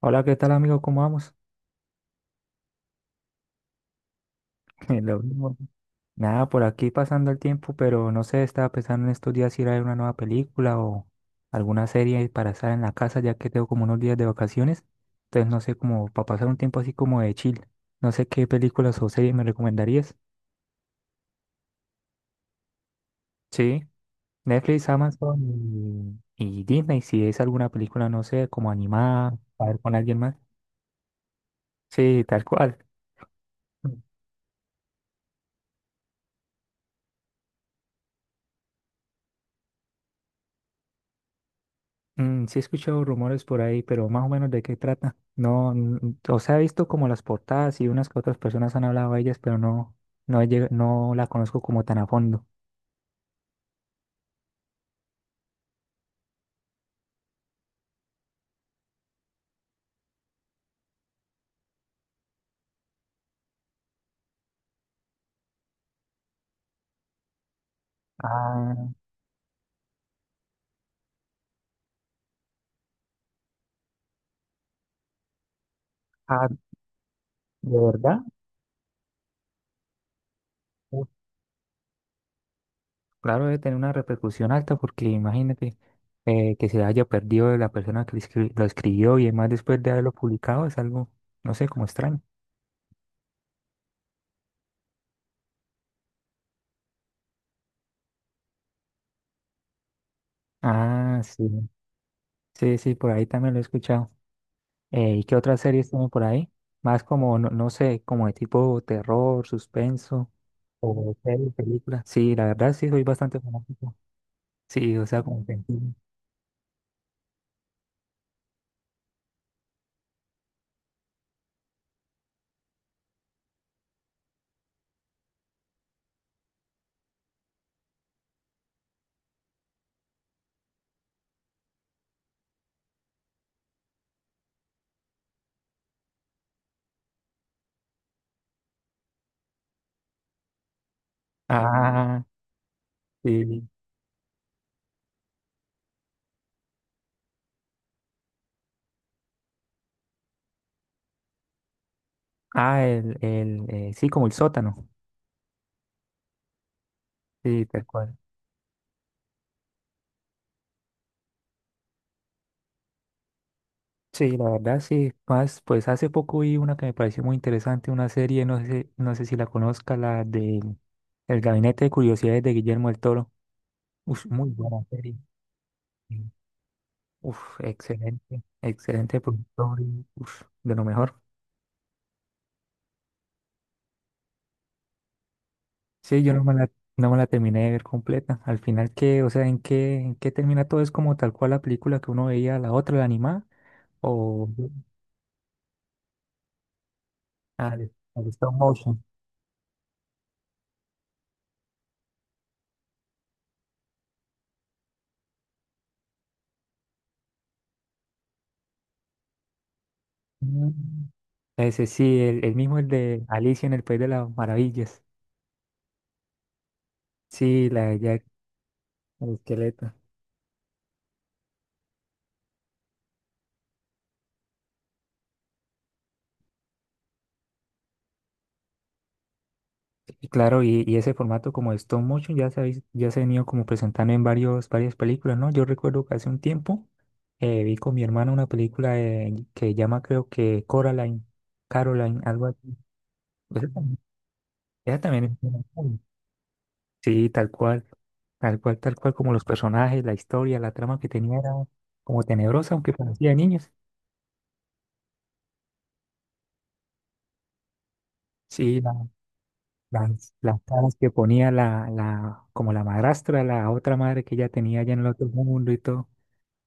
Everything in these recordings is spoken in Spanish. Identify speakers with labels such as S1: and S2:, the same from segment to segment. S1: Hola, ¿qué tal amigo? ¿Cómo vamos? Lo mismo. Nada, por aquí pasando el tiempo, pero no sé, estaba pensando en estos días si ir a ver una nueva película o alguna serie para estar en la casa, ya que tengo como unos días de vacaciones. Entonces, no sé, como para pasar un tiempo así como de chill. No sé qué películas o series me recomendarías. Sí, Netflix, Amazon y Disney, si es alguna película, no sé, como animada, a ver con alguien más. Sí, tal cual. Mm, sí he escuchado rumores por ahí, pero más o menos de qué trata. No, n- O sea, he visto como las portadas y unas que otras personas han hablado de ellas, pero no la conozco como tan a fondo. Ah, ah, ¿De verdad? Uf, claro, debe tener una repercusión alta porque imagínate que se haya perdido de la persona que lo escribió y además después de haberlo publicado es algo, no sé, como extraño. Ah, sí, sí, por ahí también lo he escuchado. ¿Y qué otras series tienen por ahí? Más como, no sé, como de tipo terror, suspenso o serie, película. Sí, la verdad sí, soy bastante fanático. Sí, o sea, sí. Ah, sí. Ah, sí, como el sótano. Sí, tal cual. Sí, la verdad sí. Más, pues hace poco vi una que me pareció muy interesante, una serie, no sé, no sé si la conozca, la de El Gabinete de Curiosidades de Guillermo del Toro. Ush, muy buena serie. Sí. Uf, excelente, excelente productor, y, uf, de lo mejor. Sí, yo no me la, no me la terminé de ver completa. Al final, ¿qué? O sea, en qué termina todo? ¿Es como tal cual la película que uno veía, la otra, la animada? ¿O ah, el stop motion? Mm. Ese sí, el mismo, el de Alicia en el País de las Maravillas. Sí, la de Jack, el esqueleto. Y claro, y ese formato como de stop motion ya se ha venido como presentando en varias películas, ¿no? Yo recuerdo que hace un tiempo vi con mi hermana una que llama creo que Coraline, Caroline, algo así. Esa también, esa también es una serie. Sí, tal cual como los personajes, la historia, la trama que tenía era como tenebrosa, aunque parecía de niños. Sí, las caras que ponía como la madrastra, la otra madre que ella tenía allá en el otro mundo y todo.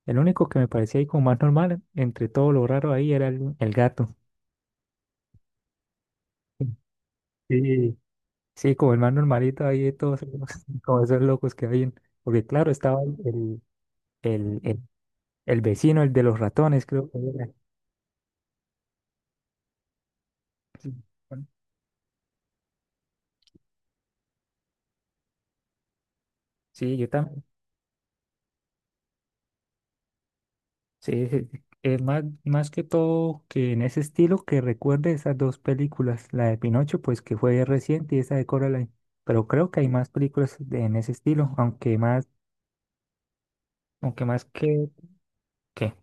S1: El único que me parecía ahí como más normal, entre todo lo raro ahí, era el gato. Sí, sí, como el más normalito ahí de todos, como esos locos que habían. Porque claro, estaba el, el, el, el vecino, el de los ratones, creo que era. Sí, bueno, sí, yo también. Sí, sí, sí. Más, más que todo que en ese estilo que recuerde esas dos películas, la de Pinocho, pues que fue reciente y esa de Coraline. Pero creo que hay más en ese estilo, aunque más que, ¿qué?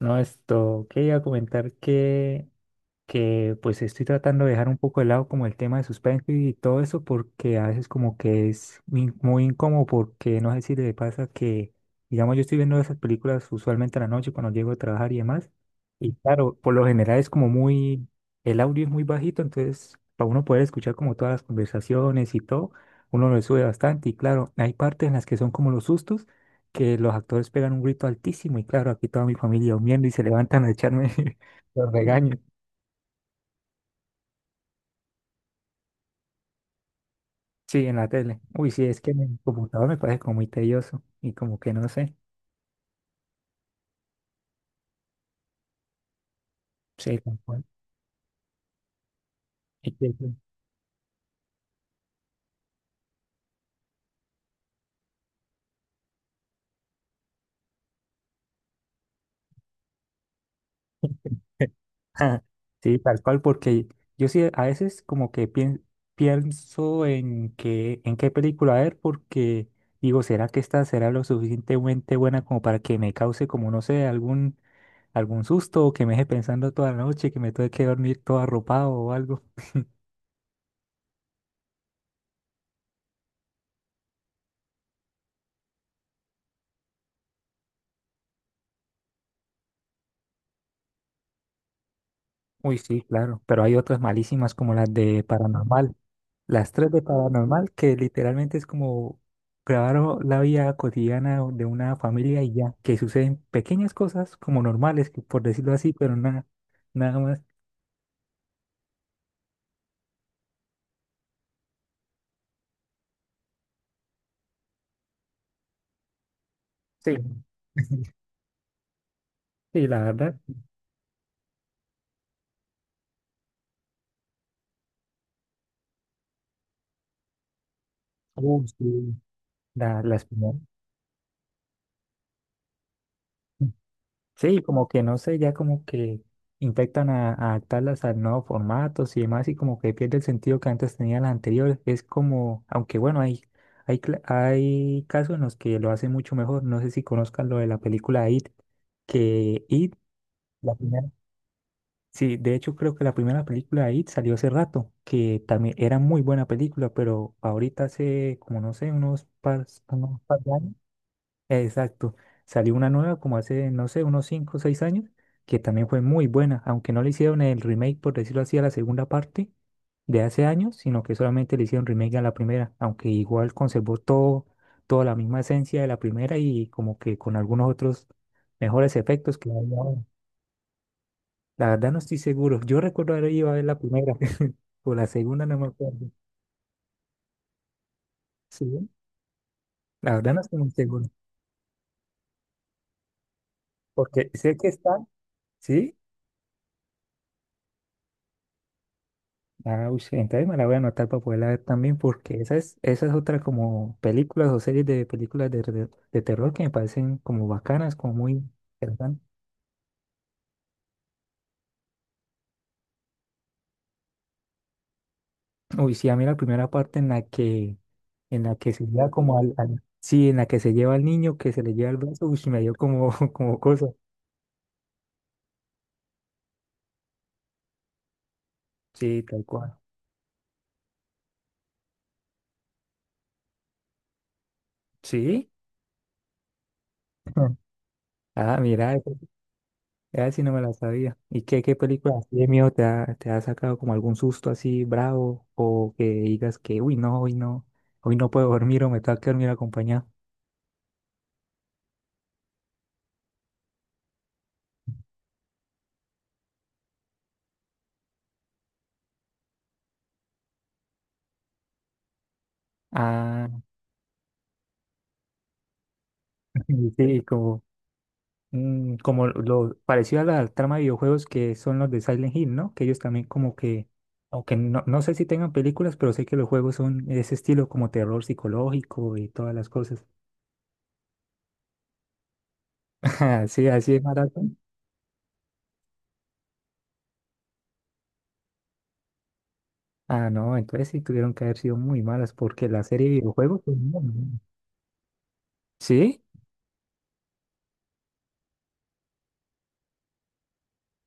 S1: No, esto quería comentar que pues estoy tratando de dejar un poco de lado como el tema de suspenso y todo eso porque a veces como que muy incómodo porque no sé si le pasa que, digamos, yo estoy viendo esas películas usualmente en la noche cuando llego a trabajar y demás, y claro, por lo general es como muy, el audio es muy bajito, entonces para uno poder escuchar como todas las conversaciones y todo, uno lo sube bastante y claro, hay partes en las que son como los sustos, que los actores pegan un grito altísimo y claro, aquí toda mi familia durmiendo y se levantan a echarme los regaños. Sí, en la tele. Uy, sí, es que en el computador me parece como muy tedioso y como que no sé. Sí, tal cual. Es que sí, sí, tal cual, porque yo sí a veces pienso en qué película ver, porque digo, ¿será que esta será lo suficientemente buena como para que me cause como, no sé, algún susto o que me deje pensando toda la noche, que me tenga que dormir todo arropado o algo? Uy, sí, claro, pero hay otras malísimas como las de Paranormal. Las tres de paranormal, que literalmente es como la de una familia y ya, que suceden pequeñas cosas como normales, que por decirlo así, pero nada, nada más. Sí. Sí, la verdad, uh, sí, la, las primeras. Sí, como que no sé, ya como que infectan a adaptarlas a nuevos formatos y demás, y como que pierde el sentido que antes tenía las anteriores. Es como, aunque bueno, hay casos en los que lo hacen mucho mejor. No sé si conozcan lo de la película It, que It, la primera, sí, de hecho creo que la primera película de It salió hace rato, que también era muy buena película, pero ahorita hace como no sé, unos par de años. Exacto. Salió una nueva como hace, no sé, unos 5 o 6 años, que también fue muy buena, aunque no le hicieron el remake, por decirlo así, a la segunda parte de hace años, sino que solamente le hicieron remake a la primera, aunque igual conservó todo, toda la misma esencia de la primera y como que con algunos otros mejores efectos que hay ahora. La verdad no estoy seguro. Yo recuerdo haber ido a ver la primera, o la segunda, no me acuerdo. Sí, la verdad no estoy muy seguro, porque sé que está, sí, ah, uy, sí, entonces me la voy a anotar para poderla ver también, porque esa es otra como películas o series de películas de terror que me parecen como bacanas, como muy interesantes. Uy, sí, a mí la primera parte en la que se lleva sí, en la que se lleva al niño, que se le lleva el brazo, uy, me dio como, como cosa. Sí, tal cual. Sí. Ah, mira, ya si no me la sabía. Qué película así de miedo te ha sacado como algún susto así bravo o que digas que, uy, no, hoy no puedo dormir o me tengo que dormir acompañado? Ah, sí, como, mm, como lo parecido a la trama de videojuegos que son los de Silent Hill, ¿no? Que ellos también como que, aunque no sé si tengan películas, pero sé que los juegos son ese estilo como terror psicológico y todas las cosas. Sí, así es maratón. Ah, no, entonces sí tuvieron que haber sido muy malas porque la serie de videojuegos, pues, no, no. ¿Sí?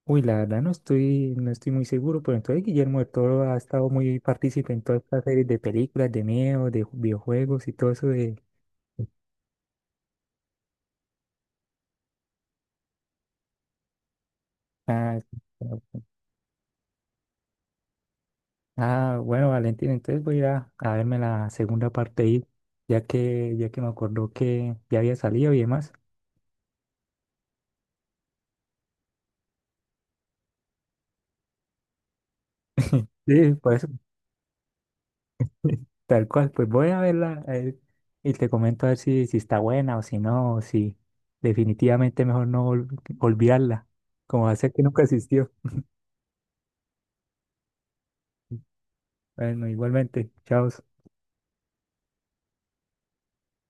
S1: Uy, la verdad no estoy muy seguro, pero entonces Guillermo del Toro ha estado muy partícipe en todas estas series de películas, de miedo, de videojuegos y todo eso de... Ah, ah, bueno, Valentín, entonces voy a ir a verme la segunda parte ahí, ya que me acordó que ya había salido y demás. Sí, por eso, tal cual, pues voy a verla a ver, y te comento a ver si, si está buena o si no, o si definitivamente mejor no ol- olvidarla, como hacer que nunca existió. Bueno, igualmente, chao.